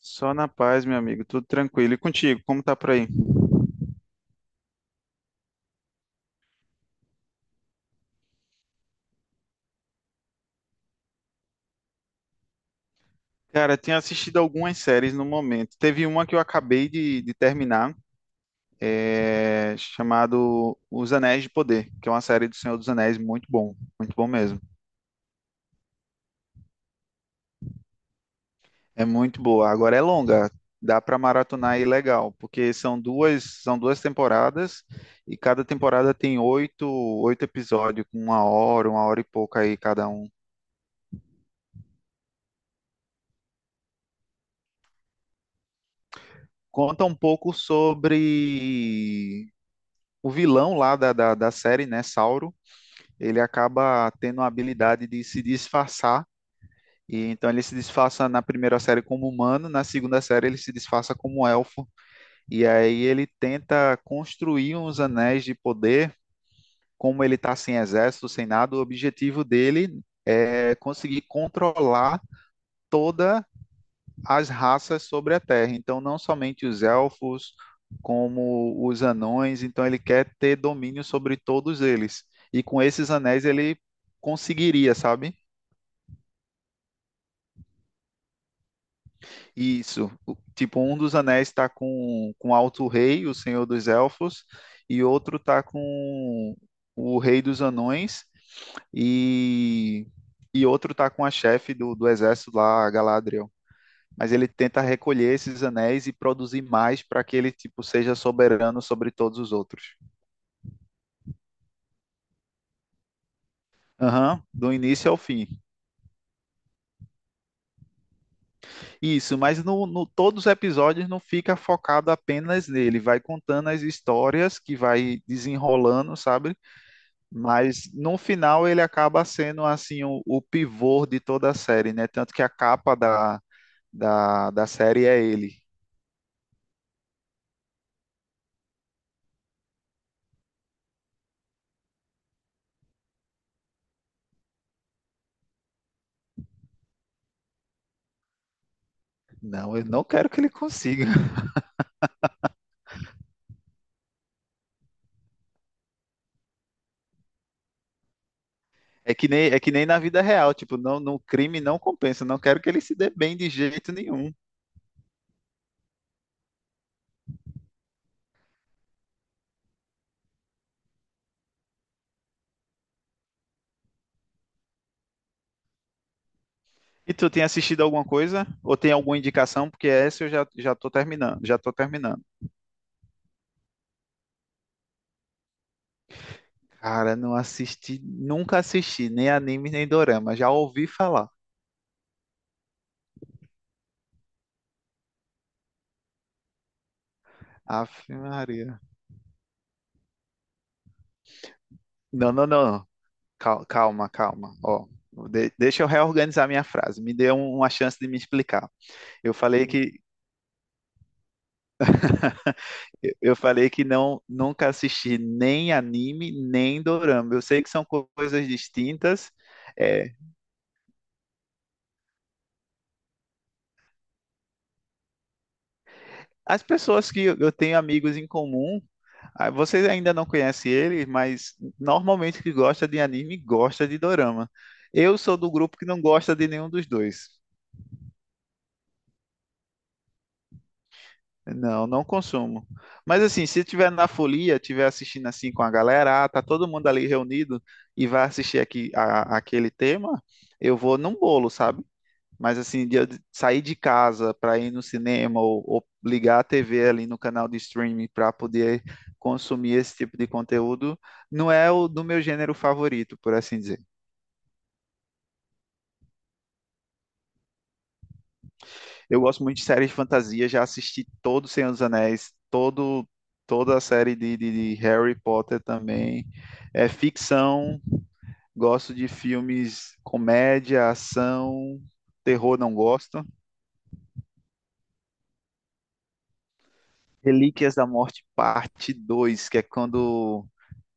Só na paz, meu amigo, tudo tranquilo. E contigo, como tá por aí? Cara, tenho assistido algumas séries no momento. Teve uma que eu acabei de terminar, chamado Os Anéis de Poder, que é uma série do Senhor dos Anéis muito bom mesmo. É muito boa. Agora é longa, dá pra maratonar aí legal, porque são duas temporadas e cada temporada tem oito, oito episódios com uma hora e pouca aí cada um. Conta um pouco sobre o vilão lá da série, né, Sauro, ele acaba tendo a habilidade de se disfarçar. E então ele se disfarça na primeira série como humano, na segunda série ele se disfarça como elfo. E aí ele tenta construir uns anéis de poder, como ele está sem exército, sem nada, o objetivo dele é conseguir controlar toda as raças sobre a Terra. Então, não somente os elfos, como os anões. Então, ele quer ter domínio sobre todos eles. E com esses anéis, ele conseguiria, sabe? Isso. Tipo, um dos anéis está com Alto Rei, o Senhor dos Elfos, e outro está com o Rei dos Anões, e, e outro está com a chefe do exército lá, a Galadriel. Mas ele tenta recolher esses anéis e produzir mais para que ele tipo seja soberano sobre todos os outros. Aham, do início ao fim. Isso, mas no todos os episódios não fica focado apenas nele, vai contando as histórias que vai desenrolando, sabe? Mas no final ele acaba sendo assim o pivô de toda a série, né? Tanto que a capa da série é ele. Não, eu não quero que ele consiga. É que nem na vida real, tipo, não, no crime não compensa. Não quero que ele se dê bem de jeito nenhum. E tu tem assistido alguma coisa? Ou tem alguma indicação? Porque essa eu já, já tô terminando, já tô terminando. Cara, não assisti, nunca assisti, nem anime, nem dorama. Já ouvi falar. Ave Maria. Não, não, não, não. Calma, calma. Ó, deixa eu reorganizar minha frase. Me dê uma chance de me explicar. Eu falei que eu falei que não, nunca assisti nem anime, nem dorama. Eu sei que são coisas distintas. É, as pessoas que eu tenho amigos em comum, ah, vocês ainda não conhecem ele, mas normalmente que gosta de anime, gosta de dorama. Eu sou do grupo que não gosta de nenhum dos dois. Não, não consumo. Mas assim, se tiver na folia, tiver assistindo assim com a galera, ah, tá todo mundo ali reunido e vai assistir aqui aquele tema, eu vou num bolo, sabe? Mas assim, de eu sair de casa para ir no cinema ou ligar a TV ali no canal de streaming para poder consumir esse tipo de conteúdo, não é o do meu gênero favorito, por assim dizer. Eu gosto muito de séries de fantasia, já assisti todo o Senhor dos Anéis, todo, toda a série de Harry Potter também. É ficção, gosto de filmes comédia, ação, terror não gosto. Relíquias da Morte, parte Dois, que é quando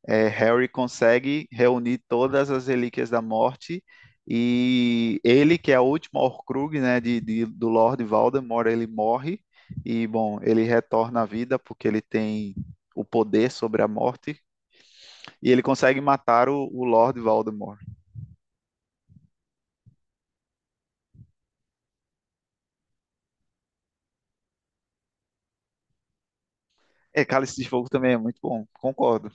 Harry consegue reunir todas as relíquias da morte e ele, que é a última Horcrux, né, do Lord Voldemort, ele morre e, bom, ele retorna à vida porque ele tem o poder sobre a morte e ele consegue matar o Lord Voldemort. É, Cálice de Fogo também é muito bom, concordo.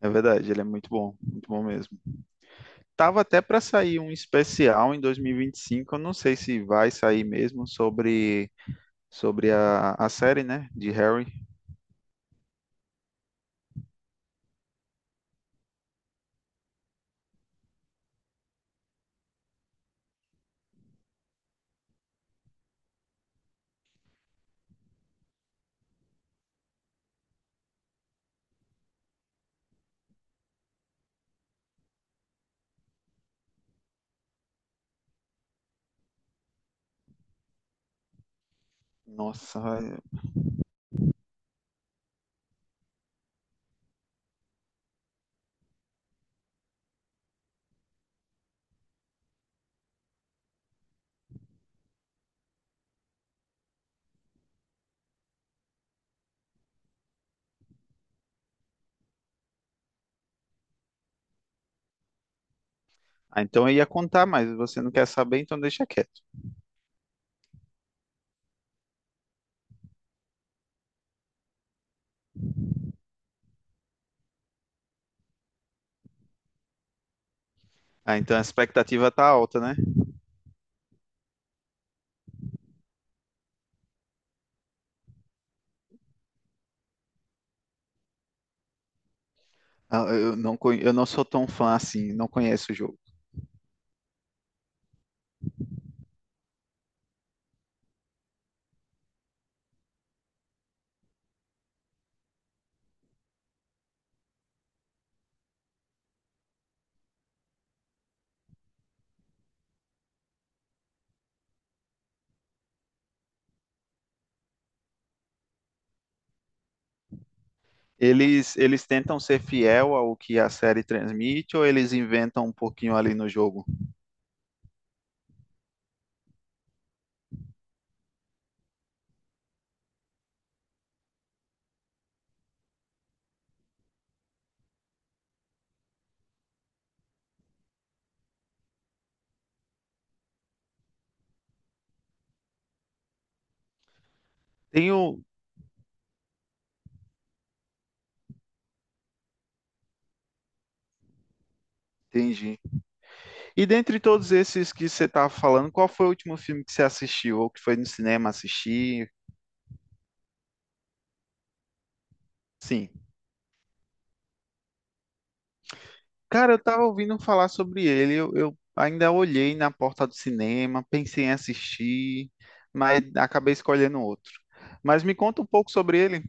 É verdade, ele é muito bom mesmo. Tava até para sair um especial em 2025, eu não sei se vai sair mesmo sobre sobre a série, né, de Harry. Nossa, é. Ah, então eu ia contar, mas você não quer saber, então deixa quieto. Ah, então a expectativa tá alta, né? Ah, eu não, eu não sou tão fã assim, não conheço o jogo. Eles tentam ser fiel ao que a série transmite ou eles inventam um pouquinho ali no jogo? Tem o, entendi. E dentre todos esses que você tava falando, qual foi o último filme que você assistiu? Ou que foi no cinema assistir? Sim. Cara, eu tava ouvindo falar sobre ele. Eu ainda olhei na porta do cinema, pensei em assistir, mas acabei escolhendo outro. Mas me conta um pouco sobre ele.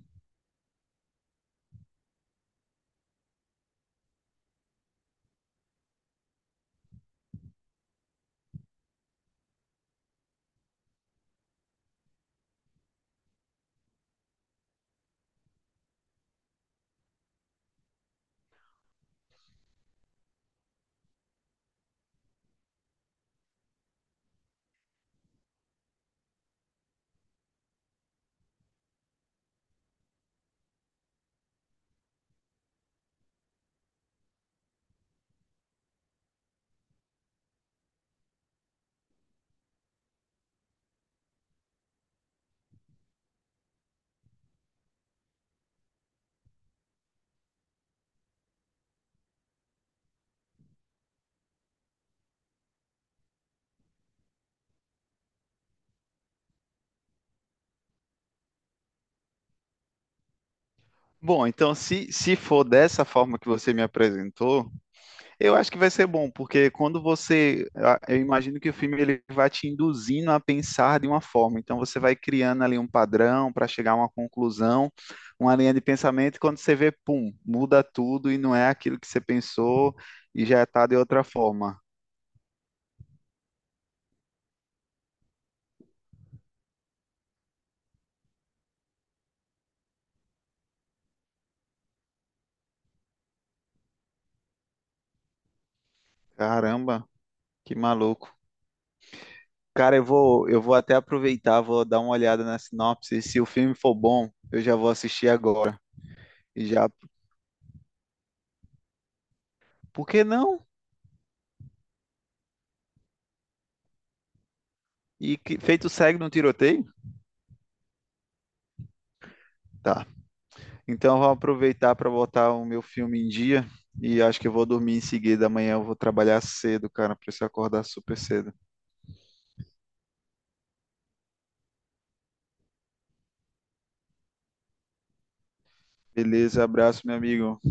Bom, então se for dessa forma que você me apresentou, eu acho que vai ser bom, porque quando você, eu imagino que o filme ele vai te induzindo a pensar de uma forma, então você vai criando ali um padrão para chegar a uma conclusão, uma linha de pensamento, e quando você vê, pum, muda tudo e não é aquilo que você pensou e já está de outra forma. Caramba, que maluco. Cara, eu vou até aproveitar, vou dar uma olhada na sinopse, se o filme for bom, eu já vou assistir agora. E já, por que não? E que, feito segue no tiroteio? Tá. Então, vou aproveitar para botar o meu filme em dia e acho que eu vou dormir em seguida. Amanhã eu vou trabalhar cedo, cara. Preciso acordar super cedo. Beleza, abraço, meu amigo.